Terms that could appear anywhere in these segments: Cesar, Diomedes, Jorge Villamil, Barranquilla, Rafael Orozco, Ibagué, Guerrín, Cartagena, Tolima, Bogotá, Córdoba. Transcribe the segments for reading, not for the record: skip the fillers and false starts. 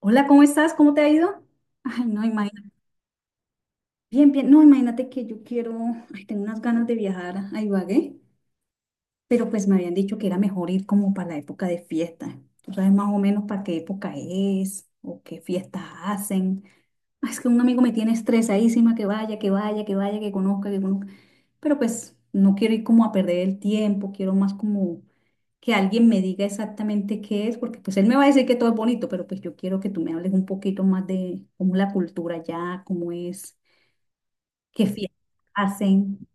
Hola, ¿cómo estás? ¿Cómo te ha ido? Ay, no, imagínate. Bien, bien. No, imagínate que yo quiero, ay, tengo unas ganas de viajar a Ibagué, pero pues me habían dicho que era mejor ir como para la época de fiesta. ¿Tú sabes más o menos para qué época es o qué fiestas hacen? Ay, es que un amigo me tiene estresadísima que vaya, que vaya, que vaya, que conozca, que conozca. Pero pues no quiero ir como a perder el tiempo, quiero más como que alguien me diga exactamente qué es, porque pues él me va a decir que todo es bonito, pero pues yo quiero que tú me hables un poquito más de cómo es la cultura allá, cómo es, qué fiestas hacen.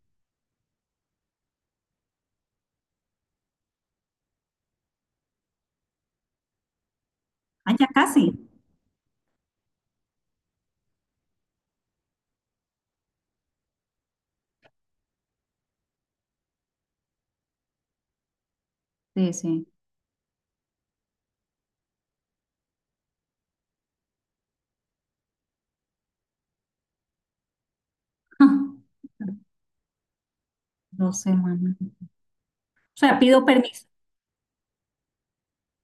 Allá casi. Sí, sí. No sé, mamá. O sea, pido permiso.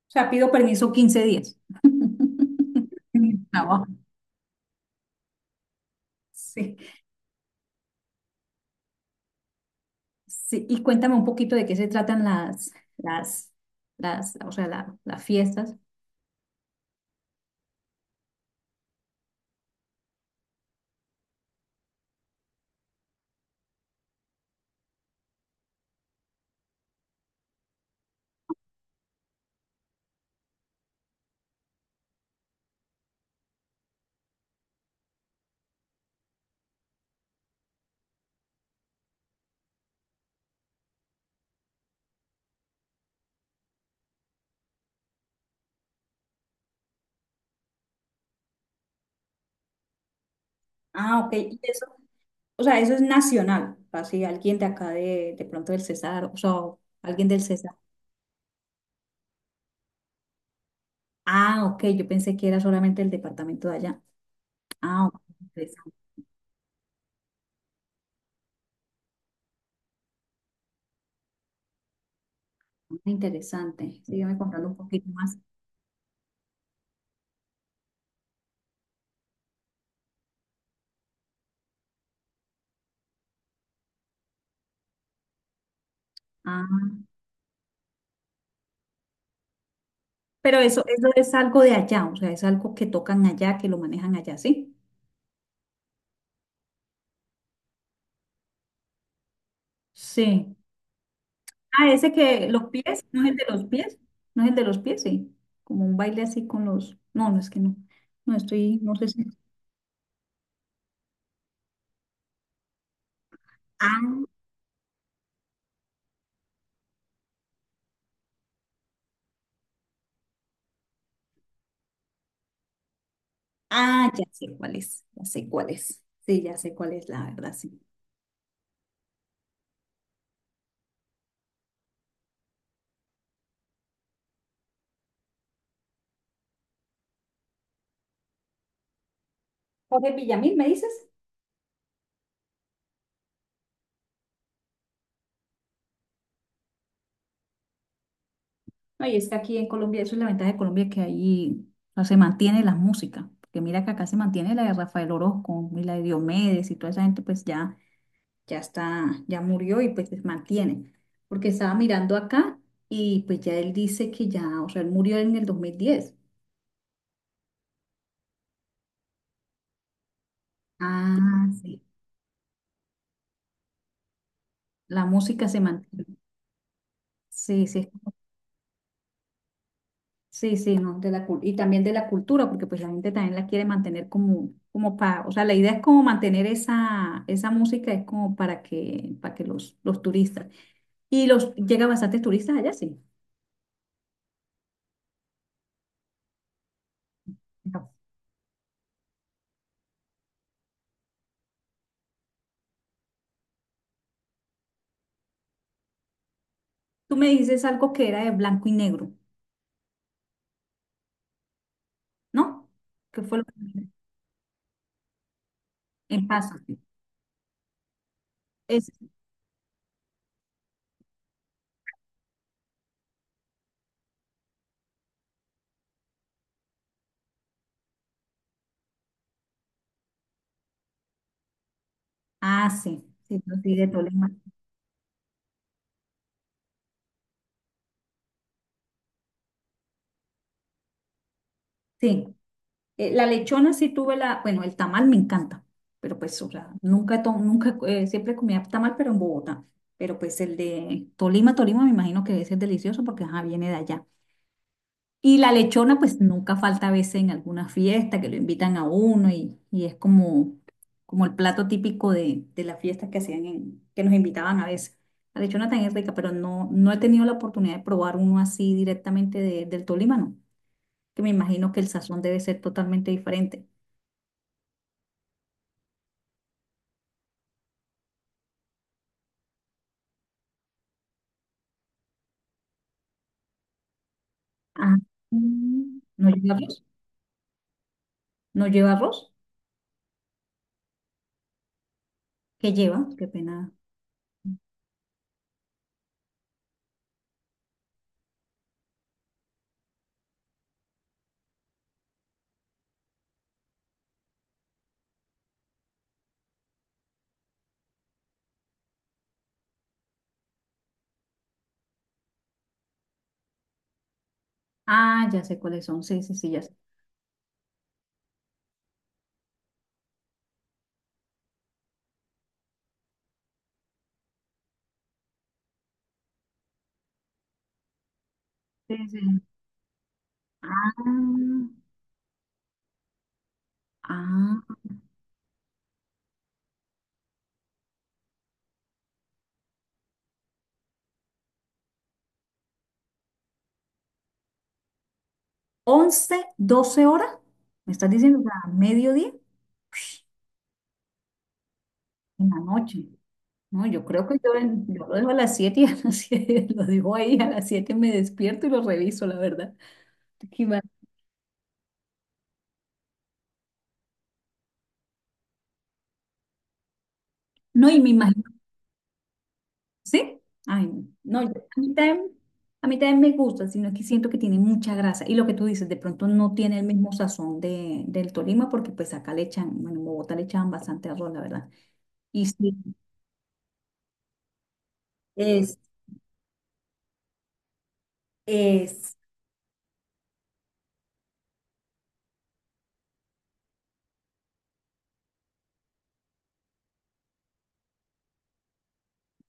O sea, pido permiso 15 días. en mi trabajo. Sí, sí. Y cuéntame un poquito de qué se tratan las, las, o sea, las fiestas. Ah, ok. ¿Y eso? O sea, eso es nacional, así alguien de acá de pronto del Cesar, o sea, alguien del Cesar. Ah, ok, yo pensé que era solamente el departamento de allá. Ah, ok, interesante. Ah, interesante. Sígueme contando un poquito más. Ah, pero eso es algo de allá, o sea, es algo que tocan allá, que lo manejan allá, ¿sí? Sí. Ah, ese que los pies, ¿no es el de los pies? ¿No es el de los pies? Sí. Como un baile así con los. No, no es que no. No estoy, no sé si. Ah. Ya sé cuál es, ya sé cuál es. Sí, ya sé cuál es, la verdad, sí. Jorge Villamil, ¿me dices? No, y es que aquí en Colombia, eso es la ventaja de Colombia, que ahí no se mantiene la música. Porque mira que acá se mantiene la de Rafael Orozco y la de Diomedes y toda esa gente, pues ya, ya está, ya murió y pues se mantiene. Porque estaba mirando acá y pues ya él dice que ya, o sea, él murió en el 2010. Ah, sí. La música se mantiene. Sí, sí. Sí, sí, no, de la, y también de la cultura, porque pues la gente también la quiere mantener como, para, o sea, la idea es como mantener esa, música, es como para que, los turistas, y los, llega bastantes turistas allá, sí. Ajá. Tú me dices algo que era de blanco y negro, ¿no? ¿Qué fue lo que en Paso? Es, ah, sí, sí, yo sí, de Tolima, sí. La lechona sí tuve la, bueno, el tamal me encanta, pero pues, o sea, nunca, siempre comía tamal, pero en Bogotá. Pero pues el de Tolima, Tolima me imagino que ese es delicioso porque ajá, viene de allá. Y la lechona, pues nunca falta a veces en alguna fiesta que lo invitan a uno y es como, como el plato típico de las fiestas que hacían que nos invitaban a veces. La lechona también es rica, pero no, no he tenido la oportunidad de probar uno así directamente del Tolima, no. Que me imagino que el sazón debe ser totalmente diferente. Ah, ¿no lleva arroz? ¿No lleva arroz? ¿Qué lleva? Qué pena. Ah, ya sé cuáles son. Sí, sí, sí, ya sé. Sí, sí. Ah, ah. 11 12 horas. ¿Me estás diciendo que a mediodía? En la noche. No, yo creo que yo lo dejo a las 7 y a las 7 lo dejo ahí. A las 7 me despierto y lo reviso, la verdad. Qué mal. No, y me imagino. ¿Sí? Ay, no, a mí también, a mí también me gusta, sino que siento que tiene mucha grasa. Y lo que tú dices, de pronto no tiene el mismo sazón del Tolima, porque pues acá le echan, bueno, en Bogotá le echaban bastante arroz, la verdad. Y sí, es, es,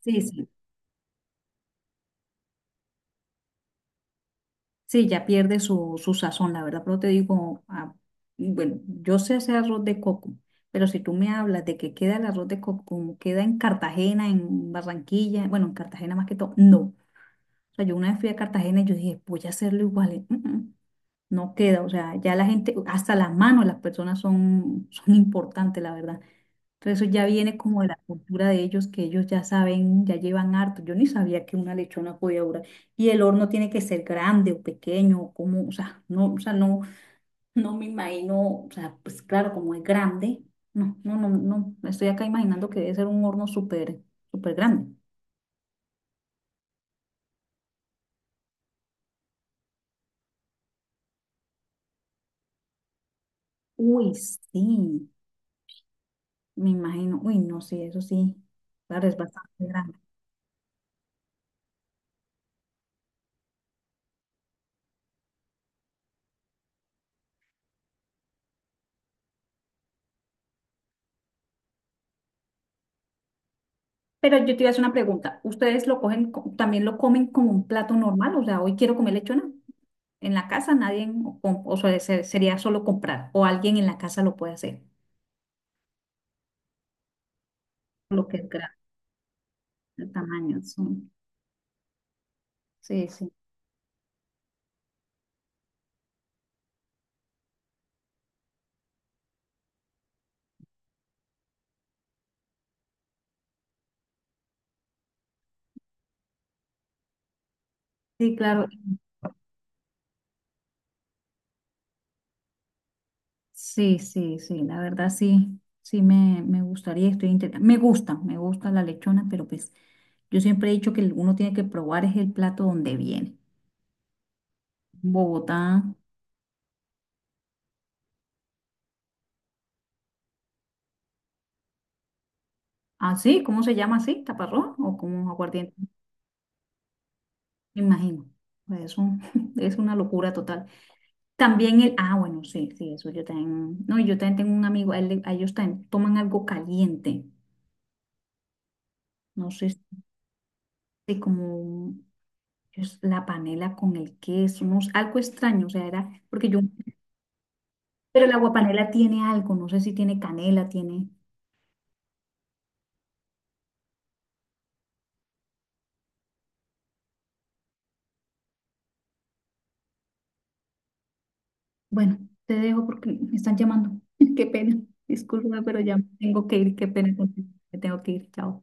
sí, sí, sí, ya pierde su sazón, la verdad. Pero te digo, ah, bueno, yo sé hacer arroz de coco, pero si tú me hablas de que queda el arroz de coco, como queda en Cartagena, en Barranquilla, bueno, en Cartagena más que todo, no. O sea, yo una vez fui a Cartagena y yo dije, voy a hacerlo igual. Y, "Mm, mm, no queda", o sea, ya la gente, hasta las manos, las personas son, son importantes, la verdad. Entonces eso ya viene como de la cultura de ellos, que ellos ya saben, ya llevan harto. Yo ni sabía que una lechona podía durar. Y el horno tiene que ser grande o pequeño, o como, o sea, no, no me imagino, o sea, pues claro, como es grande. No, no, no, no, me estoy acá imaginando que debe ser un horno súper, súper grande. Uy, sí. Me imagino, uy, no, sí, eso sí, claro, es bastante grande. Pero yo te iba a hacer una pregunta, ¿ustedes lo cogen, también lo comen como un plato normal? O sea, hoy quiero comer lechona. En la casa nadie, o, o sea, sería solo comprar, o alguien en la casa lo puede hacer, lo que es grande, el tamaño. Sí, sí, sí, sí, claro, sí, sí, sí, la verdad sí, sí me gustaría, estoy me gusta la lechona, pero pues yo siempre he dicho que uno tiene que probar es el plato donde viene. Bogotá. Ah, sí, ¿cómo se llama así? ¿Taparrón o como aguardiente? Me imagino. Es un, es una locura total. También bueno, sí, sí, eso yo también, no, yo también tengo un amigo, a ellos también toman algo caliente, no sé si como es la panela con el queso, no sé, algo extraño, o sea, era, porque yo, pero el agua panela tiene algo, no sé si tiene canela, tiene, bueno, te dejo porque me están llamando, qué pena, disculpa, pero ya me tengo que ir, qué pena contigo, me tengo que ir, chao.